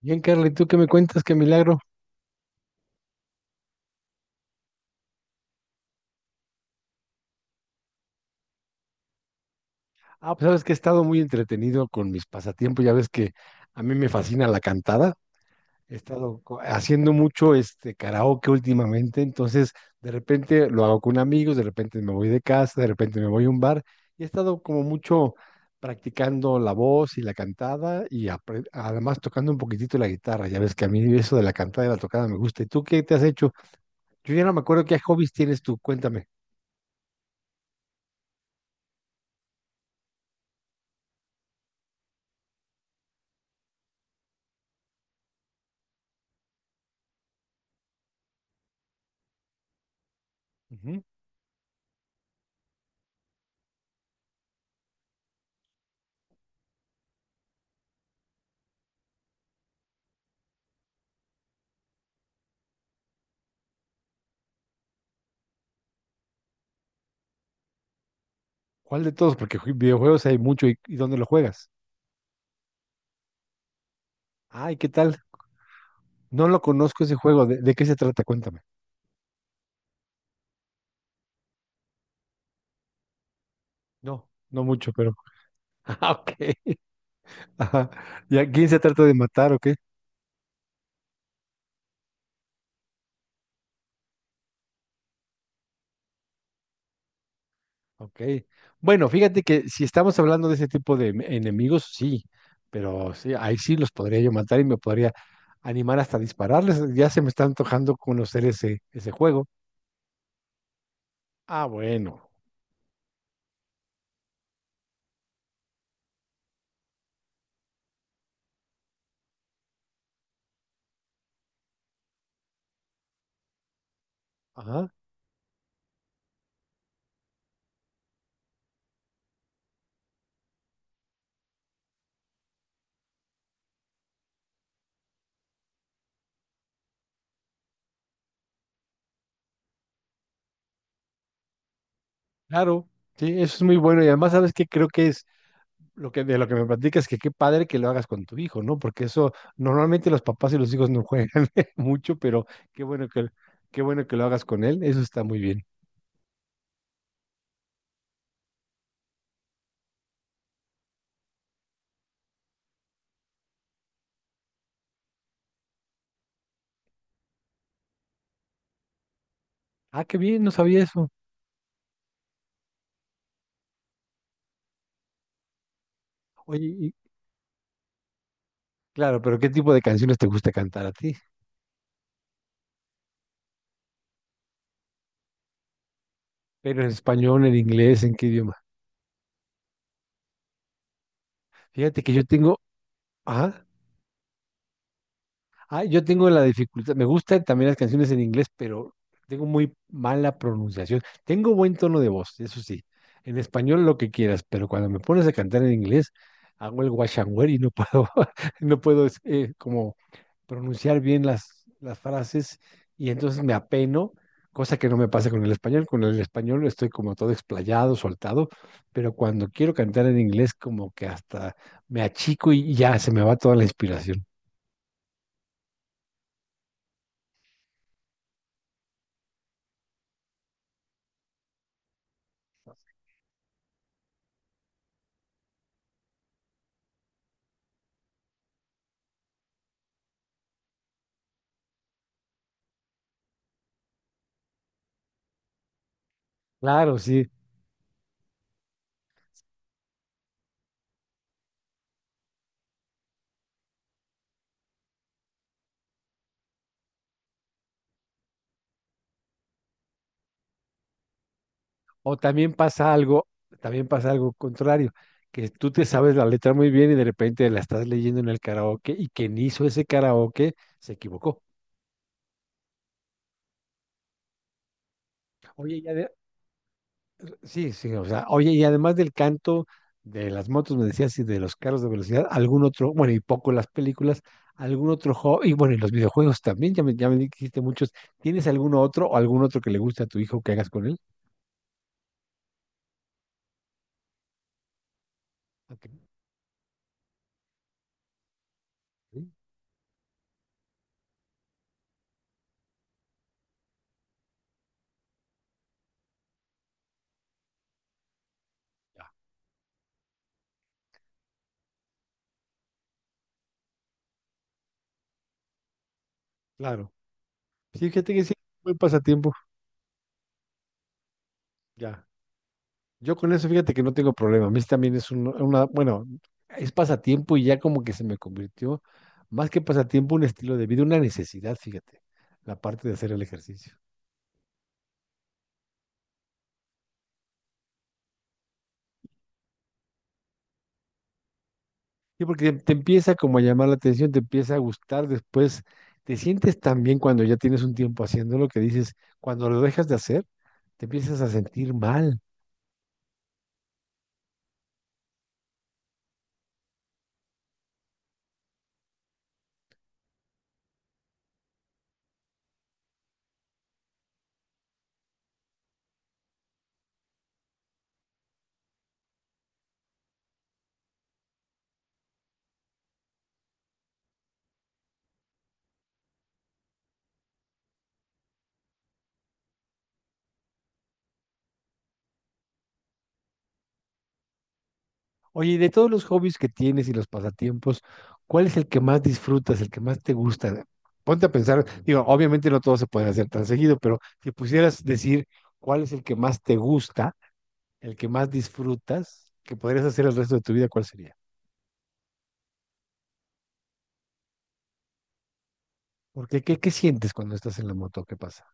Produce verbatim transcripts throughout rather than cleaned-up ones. Bien, Carly, ¿tú qué me cuentas? ¿Qué milagro? Ah, pues sabes que he estado muy entretenido con mis pasatiempos. Ya ves que a mí me fascina la cantada. He estado co- haciendo mucho este karaoke últimamente, entonces de repente lo hago con amigos, de repente me voy de casa, de repente me voy a un bar y he estado como mucho practicando la voz y la cantada y apre- además tocando un poquitito la guitarra. Ya ves que a mí eso de la cantada y la tocada me gusta. ¿Y tú qué te has hecho? Yo ya no me acuerdo qué hobbies tienes tú, cuéntame. Ujú. ¿Cuál de todos? Porque ju- videojuegos hay mucho. ¿Y, y dónde lo juegas? Ay, ¿qué tal? No lo conozco ese juego. ¿De, de qué se trata? Cuéntame. No, no mucho, pero. Ah, ok. Ajá. ¿Y a quién se trata de matar o qué? Ok. Bueno, fíjate que si estamos hablando de ese tipo de em- enemigos, sí. Pero sí, ahí sí los podría yo matar y me podría animar hasta dispararles. Ya se me está antojando conocer ese, ese juego. Ah, bueno. Ajá. Claro. Sí, eso es muy bueno. Y además, ¿sabes qué? Creo que es lo que, de lo que me platicas, que qué padre que lo hagas con tu hijo, ¿no? Porque eso, normalmente los papás y los hijos no juegan mucho, pero qué bueno que, qué bueno que lo hagas con él, eso está muy bien. Ah, qué bien, no sabía eso. Oye, y- claro, pero ¿qué tipo de canciones te gusta cantar a ti? Pero en español, en inglés, ¿en qué idioma? Fíjate que yo tengo, ajá. Ah, yo tengo la dificultad, me gustan también las canciones en inglés, pero tengo muy mala pronunciación. Tengo buen tono de voz, eso sí. En español lo que quieras, pero cuando me pones a cantar en inglés, hago el wash and wear y no puedo, no puedo eh, como pronunciar bien las, las frases y entonces me apeno, cosa que no me pasa con el español. Con el español estoy como todo explayado, soltado, pero cuando quiero cantar en inglés, como que hasta me achico y ya se me va toda la inspiración. Claro, sí. O también pasa algo, también pasa algo contrario, que tú te sabes la letra muy bien y de repente la estás leyendo en el karaoke y quien hizo ese karaoke se equivocó. Oye, y ade- sí, sí, o sea, oye, y además del canto de las motos, me decías, y de los carros de velocidad, algún otro, bueno, y poco las películas, algún otro hobby, y bueno, y los videojuegos también, ya me, ya me dijiste muchos. ¿Tienes algún otro o algún otro que le guste a tu hijo que hagas con él? Ok, sí, ya. Claro. Sí, fíjate que sí, buen pasatiempo. Ya. Yo con eso, fíjate que no tengo problema. A mí también es un- una, bueno, es pasatiempo y ya como que se me convirtió, más que pasatiempo, un estilo de vida, una necesidad, fíjate, la parte de hacer el ejercicio. Sí, porque te, empieza como a llamar la atención, te empieza a gustar, después te sientes tan bien cuando ya tienes un tiempo haciendo lo que dices, cuando lo dejas de hacer, te empiezas a sentir mal. Oye, y de todos los hobbies que tienes y los pasatiempos, ¿cuál es el que más disfrutas, el que más te gusta? Ponte a pensar, digo, obviamente no todos se pueden hacer tan seguido, pero si pudieras decir cuál es el que más te gusta, el que más disfrutas, que podrías hacer el resto de tu vida, ¿cuál sería? Porque, ¿qué, qué sientes cuando estás en la moto? ¿Qué pasa?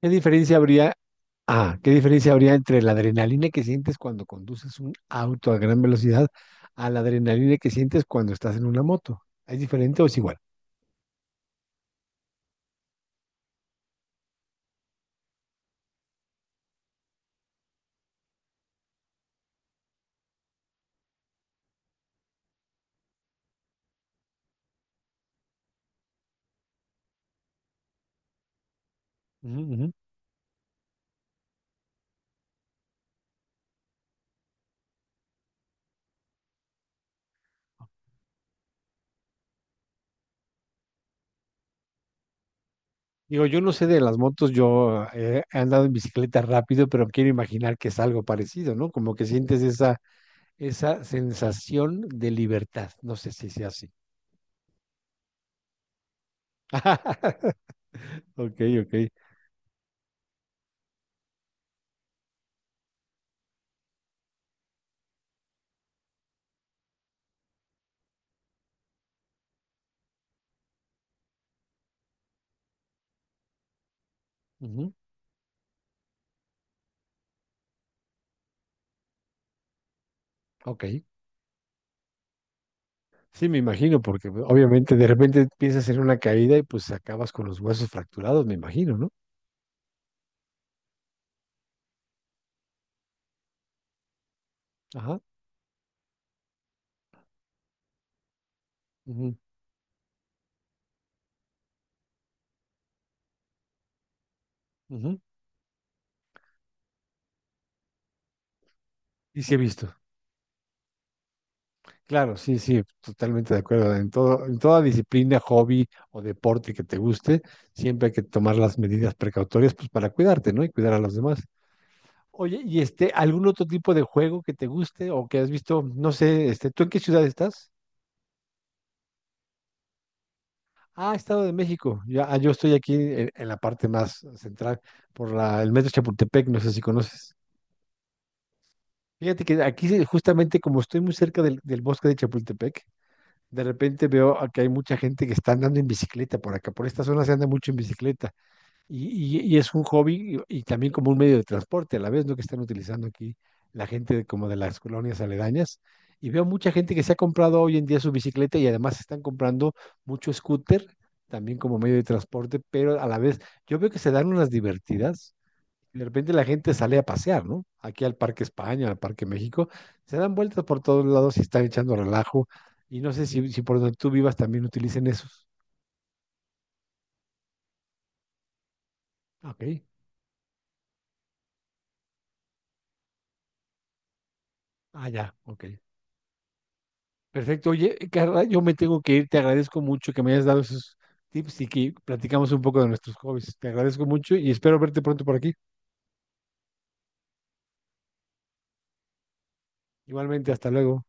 ¿Qué diferencia habría? Ah, ¿qué diferencia habría entre la adrenalina que sientes cuando conduces un auto a gran velocidad a la adrenalina que sientes cuando estás en una moto? ¿Es diferente o es igual? Ujú, ujú. Digo, yo no sé de las motos, yo eh, he andado en bicicleta rápido, pero quiero imaginar que es algo parecido, ¿no? Como que sientes esa, esa sensación de libertad. No sé si sea así. Ok, ok. Ujú. Ok. Sí, me imagino, porque pues, obviamente de repente piensas en una caída y pues acabas con los huesos fracturados, me imagino, ¿no? Ajá. Ujú, ujú. Y sí he visto. Claro, sí, sí, totalmente de acuerdo. En todo, en toda disciplina, hobby o deporte que te guste, siempre hay que tomar las medidas precautorias pues para cuidarte, ¿no? Y cuidar a los demás. Oye, ¿y este algún otro tipo de juego que te guste o que has visto? No sé, este, ¿tú en qué ciudad estás? Ah, Estado de México. Ya, ah, yo estoy aquí en, en la parte más central por la, el metro Chapultepec, no sé si conoces. Fíjate que aquí sí, justamente como estoy muy cerca del, del bosque de Chapultepec, de repente veo a que hay mucha gente que está andando en bicicleta por acá, por esta zona se anda mucho en bicicleta y, y- y es un hobby y, y también como un medio de transporte a la vez, ¿no? Que están utilizando aquí la gente de- como de las colonias aledañas. Y veo mucha gente que se ha comprado hoy en día su bicicleta y además están comprando mucho scooter también como medio de transporte, pero a la vez yo veo que se dan unas divertidas y de repente la gente sale a pasear, ¿no? Aquí al Parque España, al Parque México, se dan vueltas por todos lados y están echando relajo. Y no sé si, si por donde tú vivas también utilicen esos. Ok. Ah, ya, ok. Perfecto. Oye, Carla, yo me tengo que ir. Te agradezco mucho que me hayas dado esos tips y que platicamos un poco de nuestros hobbies. Te agradezco mucho y espero verte pronto por aquí. Igualmente, hasta luego.